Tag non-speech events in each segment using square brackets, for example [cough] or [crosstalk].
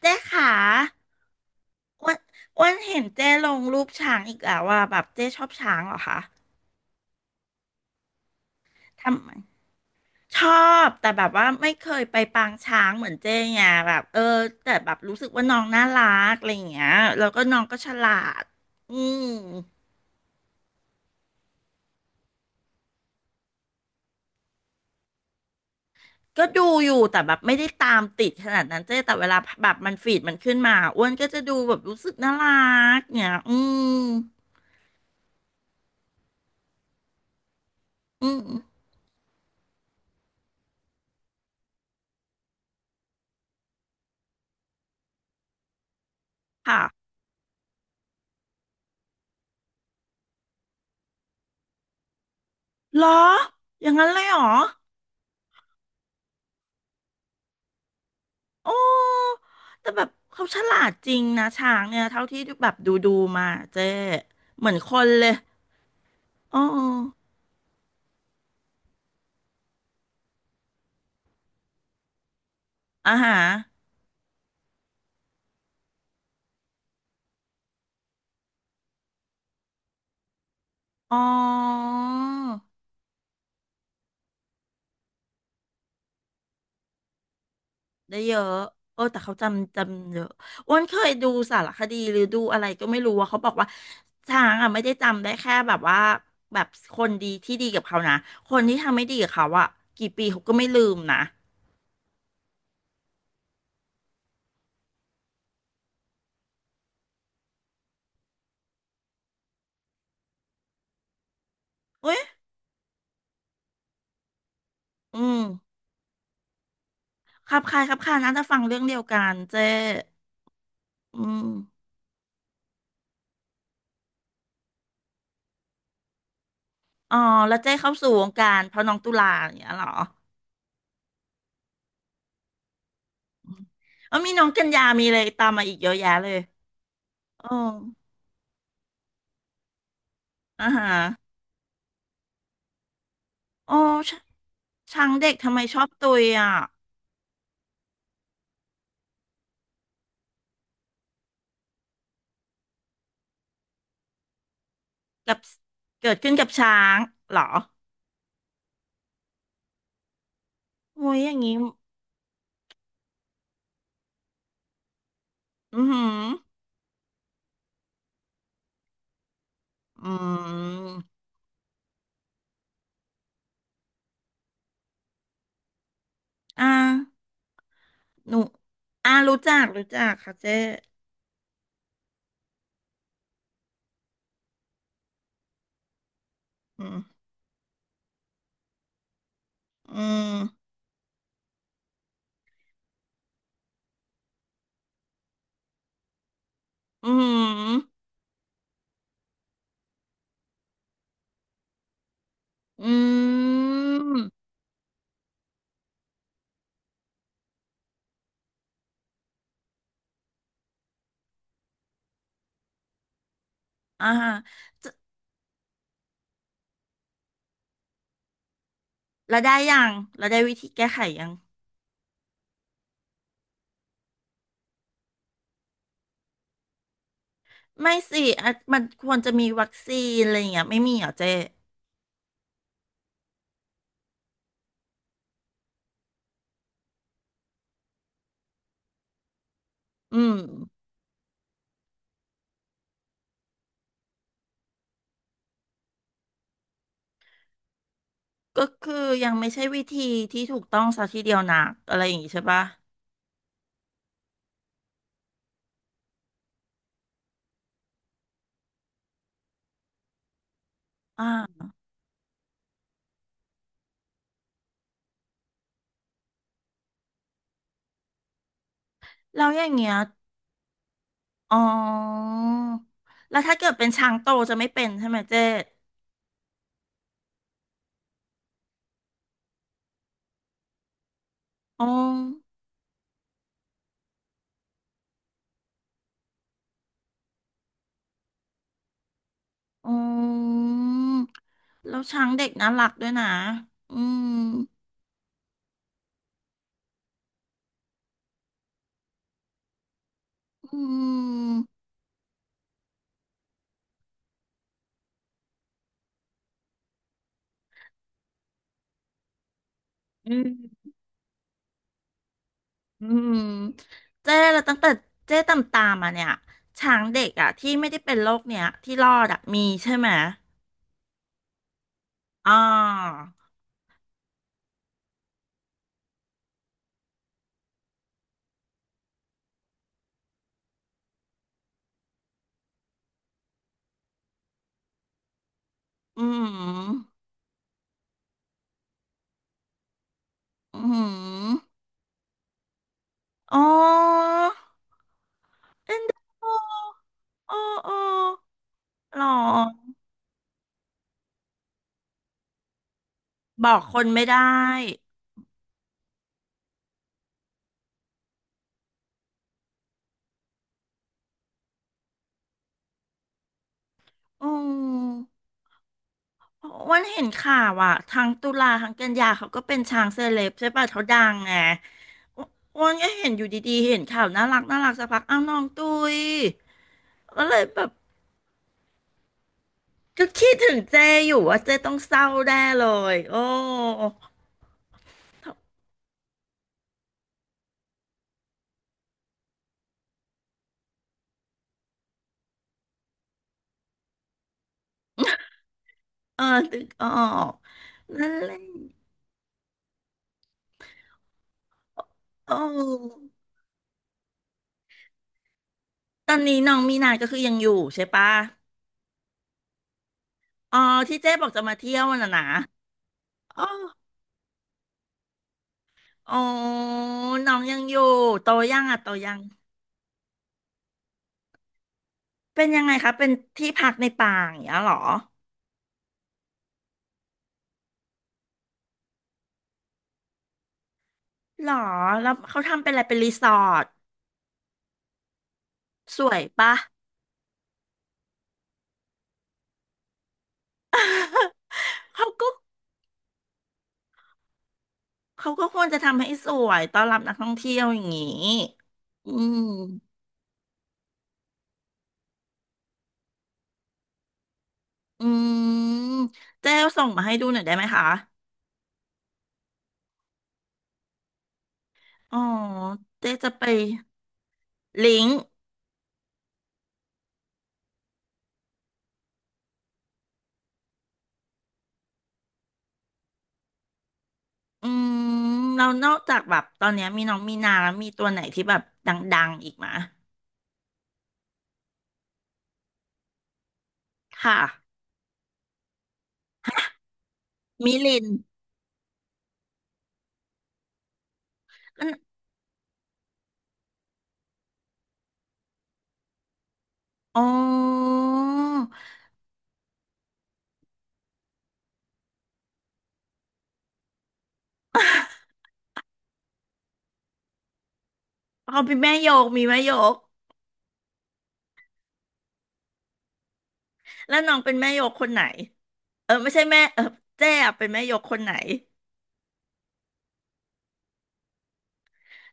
เจ๊ขาอ้วันเห็นเจ๊ลงรูปช้างอีกแล้วว่าแบบเจ๊ชอบช้างเหรอคะทำไมชอบแต่แบบว่าไม่เคยไปปางช้างเหมือนเจ๊ไงแบบแต่แบบรู้สึกว่าน้องน่ารักอะไรอย่างเงี้ยแล้วก็น้องก็ฉลาดอืมก็ดูอยู่แต่แบบไม่ได้ตามติดขนาดนั้นเจ๊แต่เวลาแบบมันฟีดมันขึ้นมาอ้วนก็จะดูแบบรู้สึกน่ารักเนี่ยมอืมค่ะเหรออย่างนั้นเลยเหรอ โอ้แต่แบบเขาฉลาดจริงนะช้างเนี่ยเท่าที่แบบดูมาเจ๊เหมือนคนเลยอ๋ออาหารอ๋อได้เยอะแต่เขาจำเยอะอ้วนเคยดูสารคดีหรือดูอะไรก็ไม่รู้ว่าเขาบอกว่าช้างอ่ะไม่ได้จำได้แค่แบบว่าแบบคนดีที่ดีกับเขานะคนที่ทำไม่ดีกับเขาอ่ะกี่ปีเขาก็ไม่ลืมนะเอ้ยอืมครับคล้ายครับคล้ายนะจะฟังเรื่องเดียวกันเจ๊อืม อ๋อแล้วเจ้เข้าสู่วงการเพราะน้องตุลาอย่างเงี้ยเหรออืมมีน้องกันยามีเลยตามมาอีกเยอะแยะเลยอ๋ออ่าฮะโอ้ชช้างเด็กทำไมชอบตุยอ่ะกับเกิดขึ้นกับช้างเหรอโอ้ยอย่างงี้อือหืออืมอ่าหนูอ่ารู้จัก รู้จักค่ะเจ้อืมอืมอืมอืมอ่าฮะจะแล้วได้ยังแล้วได้วิธีแก้ไขยัง ไม่สิอ่ะมันควรจะมีวัคซีนอะไรอย่างเงี้ยไม่มีเหรอเจ๊อืมก็คือยังไม่ใช่วิธีที่ถูกต้องซะทีเดียวนักอะไรอย่างงี้ใช่ปะอ่าแล้วอย่างเงี้ยอ๋อแล้วถ้าเกิดเป็นช้างโตจะไม่เป็นใช่ไหมเจ๊อ๋ออ๋อแล้วช้างเด็กน่ารักด้วยนะอืมอืมอืม อืมเจ๊แล้วตั้งแต่เจ๊ตามมาเนี่ยช้างเด็กอ่ะที่ไม่ได้เป็นโรคเนี่ยที่รอดอ่ะมีใช่ไหมอ๋ออืมอืมอ๋อเอ็นดูโอ้โอ้หรอบอกคนไม่ได้อืมอ้วันเห็นข่าวอ่ะทั้งตุลาทั้งกันยาเขาก็เป็นช้างเซเลบใช่ป่ะเขาดังไงอ้วันก็เห็นอยู่ดีๆเห็นข่าวน่ารักน่ารักสักพักอ้าวน้องตุยก็เลยแบบ ก็คิดถึงเจอยู่ว่าเจต้องเศร้าแน่เลยโอ้เออตึกออกนั่นแหละโอ้ตอนนี้น้องมีนาก็คือยังอยู่ใช่ปะอ๋อที่เจ๊บอกจะมาเที่ยวน่ะนะอ๋ออ๋อน้องยังอยู่โตยังอ่ะโตยังเป็นยังไงคะเป็นที่พักในป่าอย่างเงี้ยเหรอหรอแล้วเขาทำเป็นอะไรเป็นรีสอร์ทสวยปะ [laughs] เขาก็ เขาก็ควรจะทำให้สวยต้อนรับนักท่องเที่ยวอย่างนี้อืมอืมเจ๊ส่งมาให้ดูหน่อยได้ไหมคะอ๋อเจ๊จะไปลิงก์อืมเรานอกจากแบบตอนเนี้ยมีน้องมีนาแล้วมีตัวไหนที่แบบดังๆอีกมะค่ะมิลินก็อ๋อ [laughs] เขาเป็นแม่โยกมีแม่โยก แล้วน้องเป็นแม่โยกคนไหนเออไม่ใช่แม่เออเจ๊อะเป็นแม่โยกคนไหน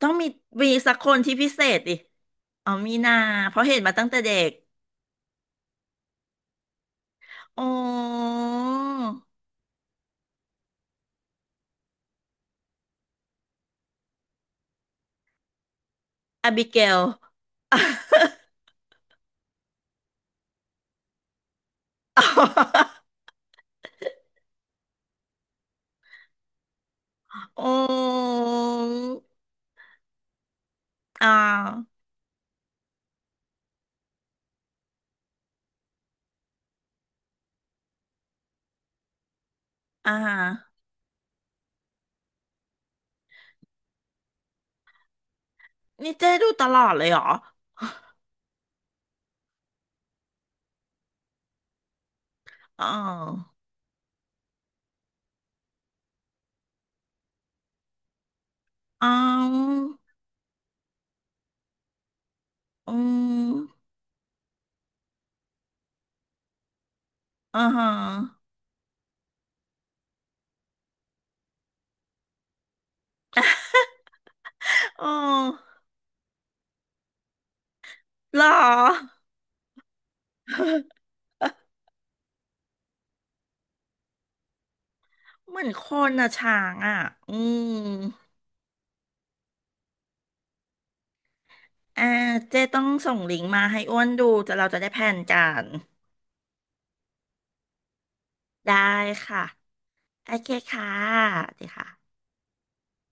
ต้องมีมีสักคนที่พิเศษดิอ๋อมีนาเพราะเห็นมาตั้งแต่เด็กโอ้อบิเกล [laughs] โอ้ [laughs] อ่าอ่านี่เจ๊ดูตลอดเลยเหรออ๋ออ๋ออืมอ่าฮะอ๋อเหรอเหมือนคนอะช้างอะอืมอ่าเจ๊ต้องส่งลิงก์มาให้อ้วนดูจะเราจะได้แพลนกันได้ค่ะ โอเคค่ะสวัสดีค่ะ